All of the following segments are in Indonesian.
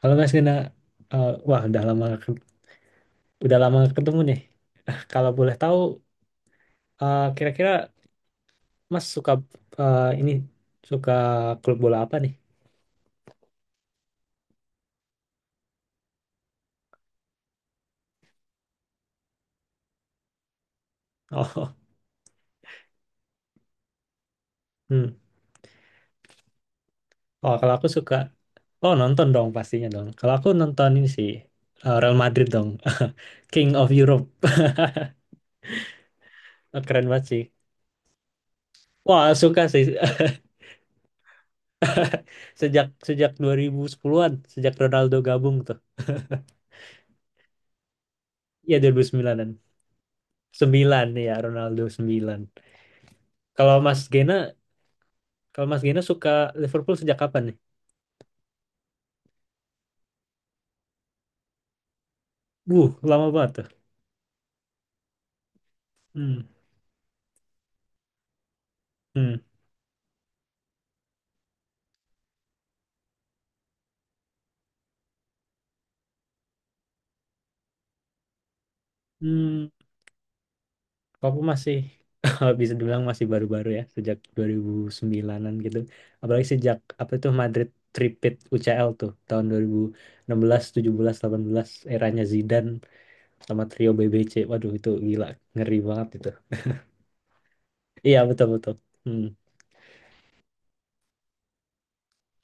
Kalau Mas Gena, wah udah lama udah lama nggak ketemu nih. Kalau boleh tahu, kira-kira Mas suka eh, ini suka klub bola apa nih? Oh, hmm. Oh, kalau aku suka, oh nonton dong pastinya dong. Kalau aku nonton ini sih Real Madrid dong, King of Europe, keren banget sih. Wah suka sih sejak sejak 2010-an, sejak Ronaldo gabung tuh. Iya 2009-an. Sembilan ya Ronaldo 9. Kalau Mas Gena Kalau Mas Gena suka Liverpool sejak kapan nih? Wuh, lama banget tuh. Hmm, hmm, hmm. Kalau aku masih bisa dibilang masih baru-baru ya, sejak 2009-an gitu. Apalagi sejak apa itu Madrid Tripit UCL tuh tahun dua ribu enam belas, tujuh belas, delapan belas. Eranya Zidane sama trio BBC. Waduh, itu gila, ngeri banget itu. Iya, betul betul. Hmm.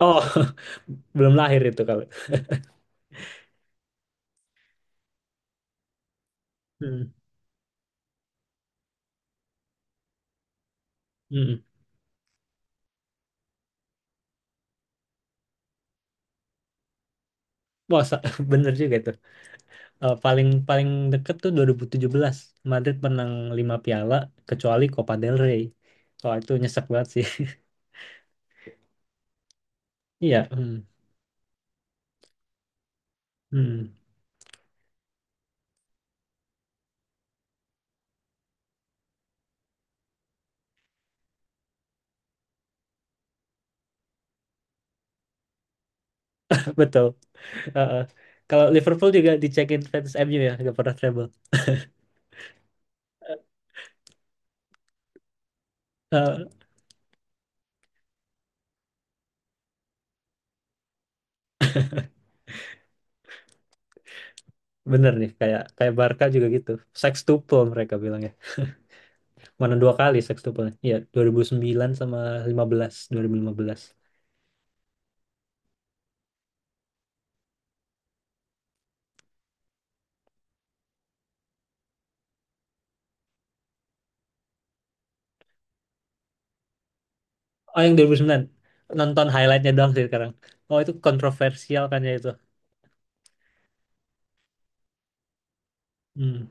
Oh, belum lahir itu kalau. Hmm. Hmm. Wah, bener juga itu. Eh, paling paling deket tuh 2017 Madrid menang 5 piala kecuali Copa del Rey. Kalau itu nyesek banget sih. Iya, hmm, hmm, betul. Eh, eh. Kalau Liverpool juga dicekin fans MU ya, nggak pernah treble. Eh, Bener nih, kayak kayak Barca juga gitu. Sextuple mereka bilang ya. Mana dua kali sextuple? Iya, dua ribu sembilan sama lima belas dua ribu lima belas. Oh, yang dua ribu sembilan. Nonton highlightnya doang sih sekarang. Oh, itu kontroversial kan ya itu. Hmm.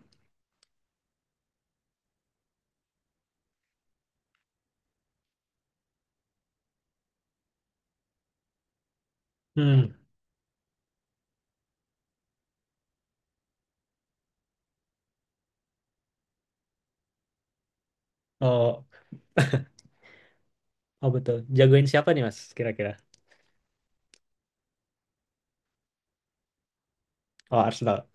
Hmm. Oh. Oh betul. Jagoin siapa nih Mas kira-kira? Oh Arsenal.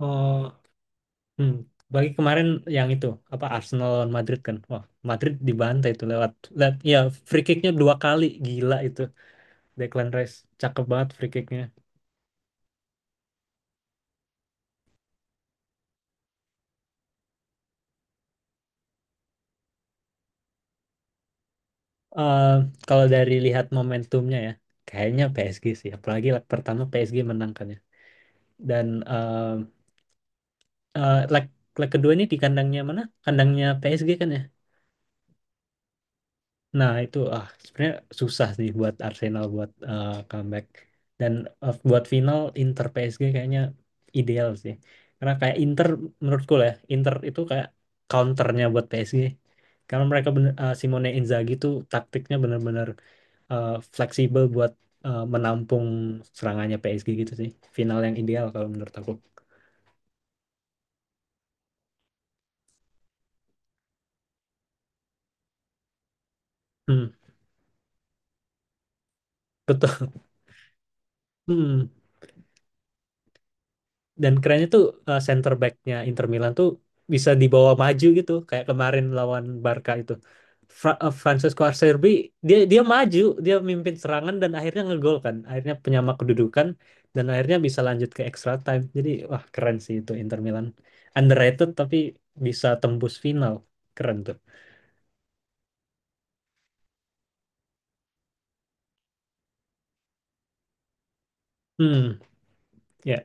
Oh, hmm. Bagi kemarin yang itu apa Arsenal lawan Madrid kan? Wah Madrid dibantai itu lewat, lewat ya free kicknya dua kali gila itu Declan Rice cakep banget free kicknya. Eh, Kalau dari lihat momentumnya ya, kayaknya PSG sih. Apalagi leg pertama PSG menang kan ya. Dan leg leg kedua ini di kandangnya mana? Kandangnya PSG kan ya? Nah, itu ah sebenarnya susah sih buat Arsenal buat comeback dan buat final Inter PSG kayaknya ideal sih. Karena kayak Inter menurutku lah ya, Inter itu kayak counternya buat PSG. Karena mereka bener, Simone Inzaghi tuh taktiknya benar-benar eh, fleksibel buat menampung serangannya PSG gitu sih. Final yang ideal kalau menurut aku. Hmm, betul. Hmm. Dan kerennya tuh center back-nya Inter Milan tuh bisa dibawa maju gitu kayak kemarin lawan Barca itu Francesco Acerbi, dia dia maju, dia mimpin serangan dan akhirnya ngegol kan, akhirnya penyama kedudukan dan akhirnya bisa lanjut ke extra time, jadi wah keren sih itu Inter Milan, underrated tapi bisa tembus final, keren tuh. Hmm. Ya.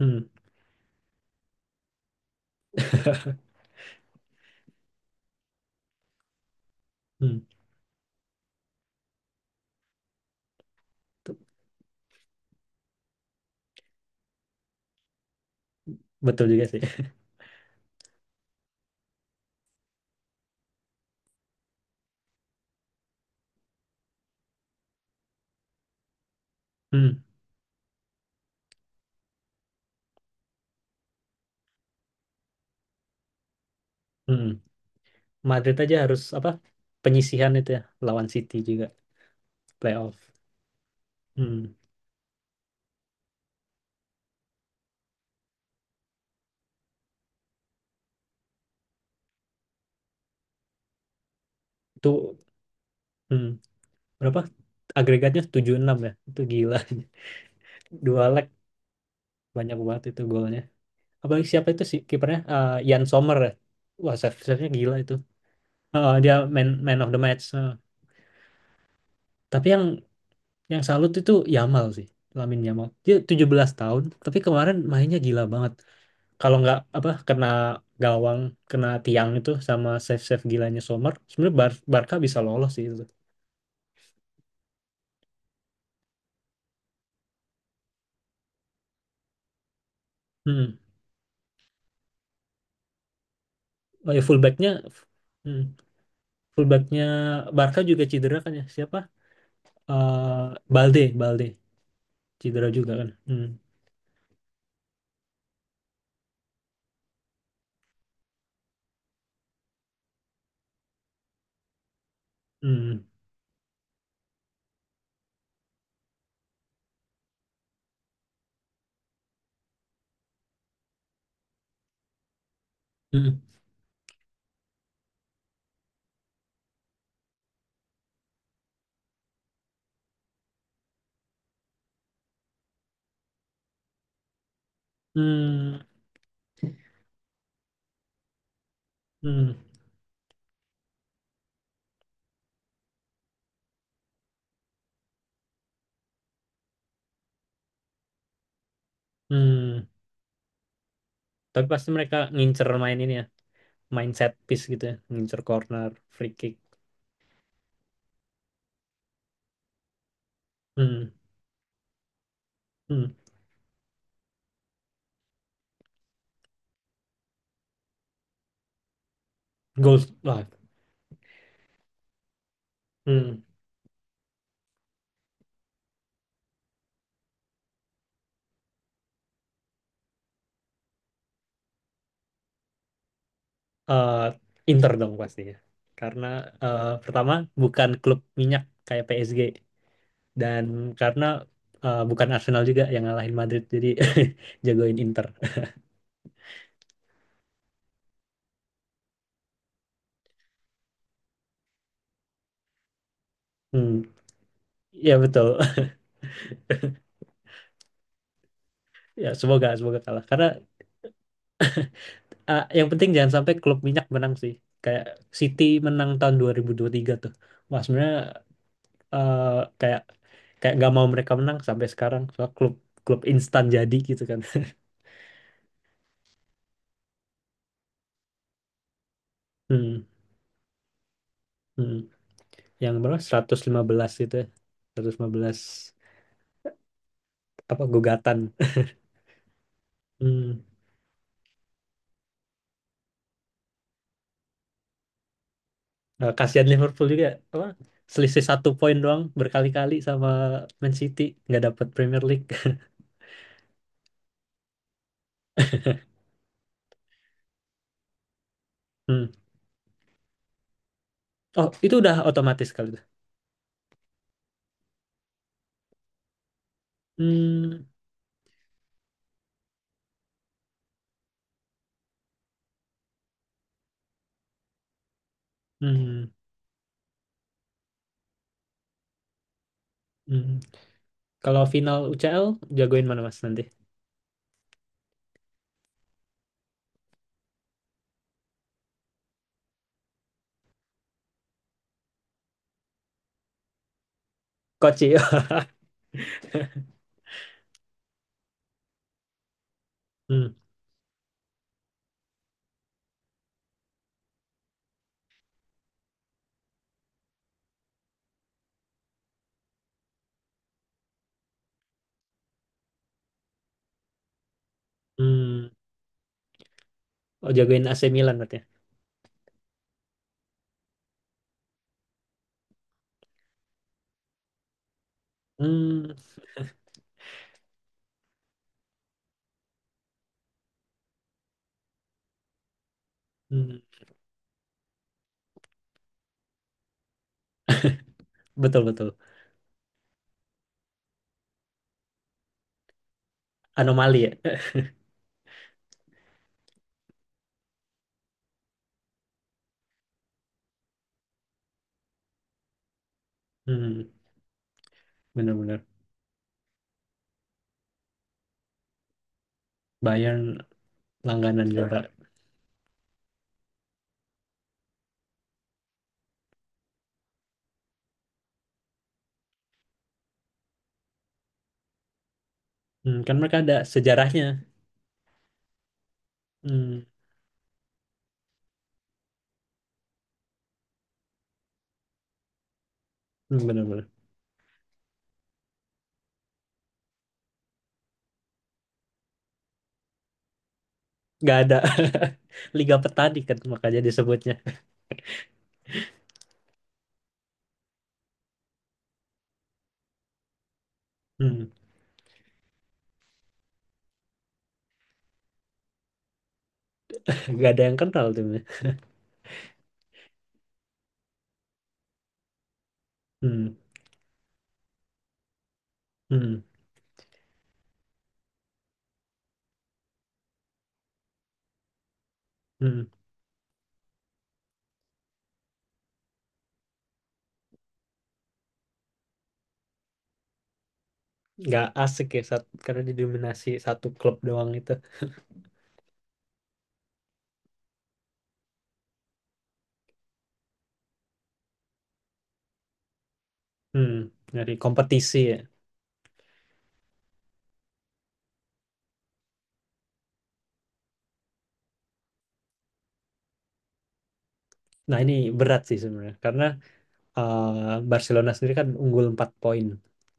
Hmm. Hmm. Tuh, betul juga sih. Hmm. Hmm. Madrid aja harus apa penyisihan itu ya, lawan City juga playoff. Hmm, itu hmm, berapa agregatnya tujuh enam ya itu gila. Dua leg, banyak banget itu golnya. Apalagi siapa itu sih kipernya? Jan Sommer ya, wah save save-nya gila itu. Dia man man of the match. Eh, tapi Yang salut itu Yamal sih, Lamin Yamal, dia 17 tahun tapi kemarin mainnya gila banget. Kalau nggak apa kena gawang, kena tiang itu sama save save gilanya Sommer sebenarnya Barca bisa lolos sih itu. Hmm. Oh ya fullbacknya. Hmm. Fullbacknya Barca juga cedera kan ya? Siapa? Eh Balde cedera juga kan? Hmm. Hmm. Hmm. Hmm. Hmm. Hmm. Tapi pasti mereka ngincer main ini ya, main set piece gitu ya, ngincer corner, free kick. Hmm. Hmm. Goal wah. Hmm. Eh, Inter dong pastinya. Karena pertama bukan klub minyak kayak PSG dan karena bukan Arsenal juga yang ngalahin Madrid, jadi jagoin Inter. Hmm, ya betul. Ya, semoga semoga kalah. Karena yang penting jangan sampai klub minyak menang sih. Kayak City menang tahun 2023 tuh. Wah, sebenarnya kayak kayak nggak mau mereka menang sampai sekarang. Soal klub klub instan jadi gitu kan. Hmm, hmm. Yang berapa? 115 gitu ya. Seratus lima belas apa gugatan. Hmm. Nah, kasihan Liverpool juga, apa? Selisih satu poin doang berkali-kali sama Man City, nggak dapat Premier League. Hmm. Oh, itu udah otomatis kali itu. Hmm. Hmm. Hmm. Kalau final UCL jagoin mana Mas nanti? Koci. Hmm. Hmm. Oh, jagoin AC Milan berarti. Ya? Hmm. Hmm. Betul betul. Anomali ya. Hmm. Benar-benar. Bayern langganan juga. Hmm. Kan mereka ada sejarahnya. Hmm. Hmm, benar-benar. Gak ada Liga Petani kan makanya disebutnya. Hmm. Gak ada yang kental timnya. Hmm. Hmm. Hmm. Gak asik ya saat karena didominasi satu klub doang itu. Hmm. Dari kompetisi ya. Nah, ini berat sih sebenarnya karena Barcelona sendiri kan unggul 4 poin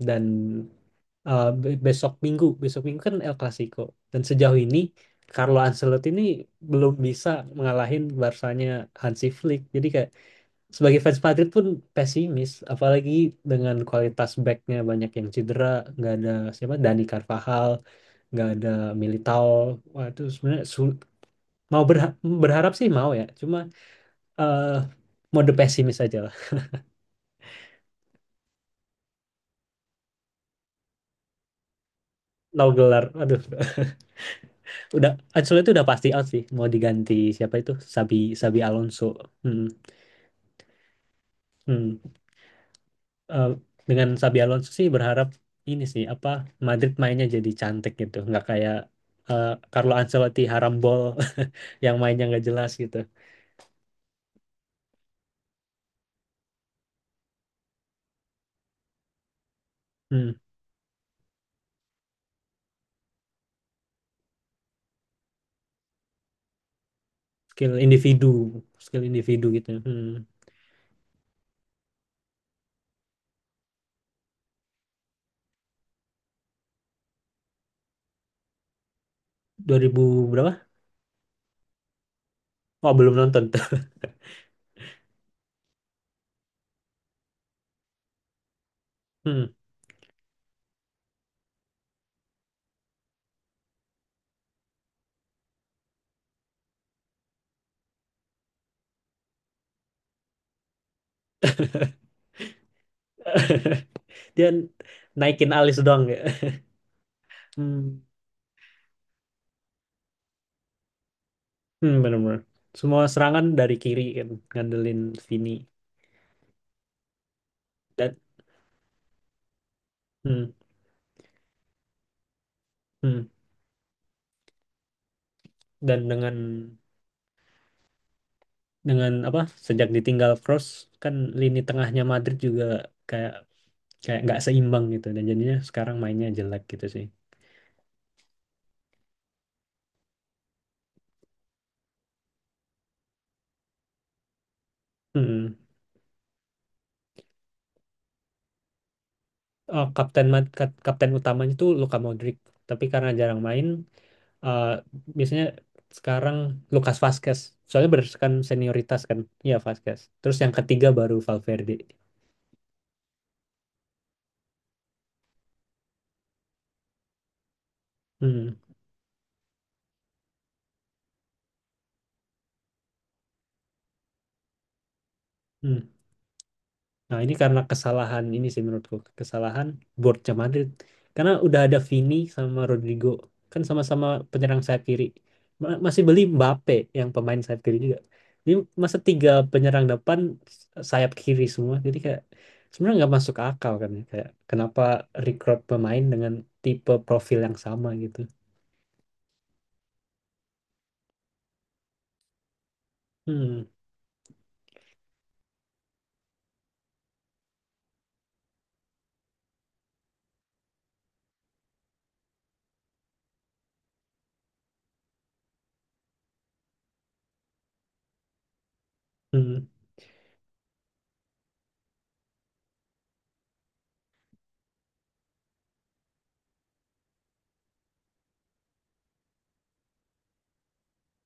dan besok Minggu kan El Clasico. Dan sejauh ini Carlo Ancelotti ini belum bisa mengalahin Barsanya Hansi Flick. Jadi kayak sebagai fans Madrid pun pesimis, apalagi dengan kualitas backnya banyak yang cedera, nggak ada siapa Dani Carvajal, nggak ada Militao. Wah, itu sebenarnya mau berha- berharap sih mau ya, cuma eh mode pesimis aja. No gelar. Aduh, udah Ancelotti itu udah pasti out sih. Mau diganti siapa itu? Sabi Sabi Alonso. Hmm, hmm. Eh, dengan Sabi Alonso sih berharap ini sih apa Madrid mainnya jadi cantik gitu, nggak kayak eh, Carlo Ancelotti harambol yang mainnya nggak jelas gitu. Hmm, skill individu, skill individu gitu. Hmm. 2000 berapa? Oh, belum nonton. Tuh. Hmm. Dia naikin alis doang ya. Hmm. Hmm, benar-benar. Semua serangan dari kiri kan ngandelin Vini dan hmm, hmm. dan dengan apa sejak ditinggal Cross kan lini tengahnya Madrid juga kayak kayak nggak seimbang gitu dan jadinya sekarang mainnya jelek gitu sih. Hmm. Kapten utamanya itu Luka Modric tapi karena jarang main, eh, biasanya sekarang Lucas Vazquez, soalnya berdasarkan senioritas kan, iya Vazquez, terus yang ketiga baru Valverde. Hmm. Hmm. Nah, ini karena kesalahan ini sih menurutku, kesalahan boardnya Madrid. Karena udah ada Vini sama Rodrigo, kan sama-sama penyerang sayap kiri. Masih beli Mbappe yang pemain sayap kiri juga. Ini masa tiga penyerang depan sayap kiri semua, jadi kayak sebenarnya nggak masuk akal kan ya. Kayak kenapa rekrut pemain dengan tipe profil yang sama gitu. Hmm, hmm.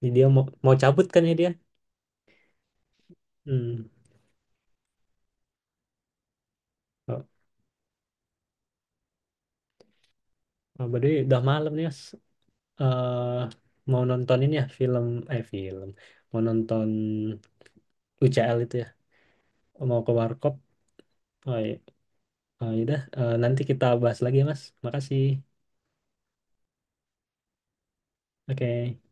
Jadi dia mau mau cabut kan ya dia. Hmm. Oh, oh, by the way, udah malam nih, Yas. eh Mau nonton ini ya film mau nonton UCL itu ya, mau ke warkop. Oh, iya. Oh, yaudah. Nanti kita bahas lagi ya Mas, makasih. Oke.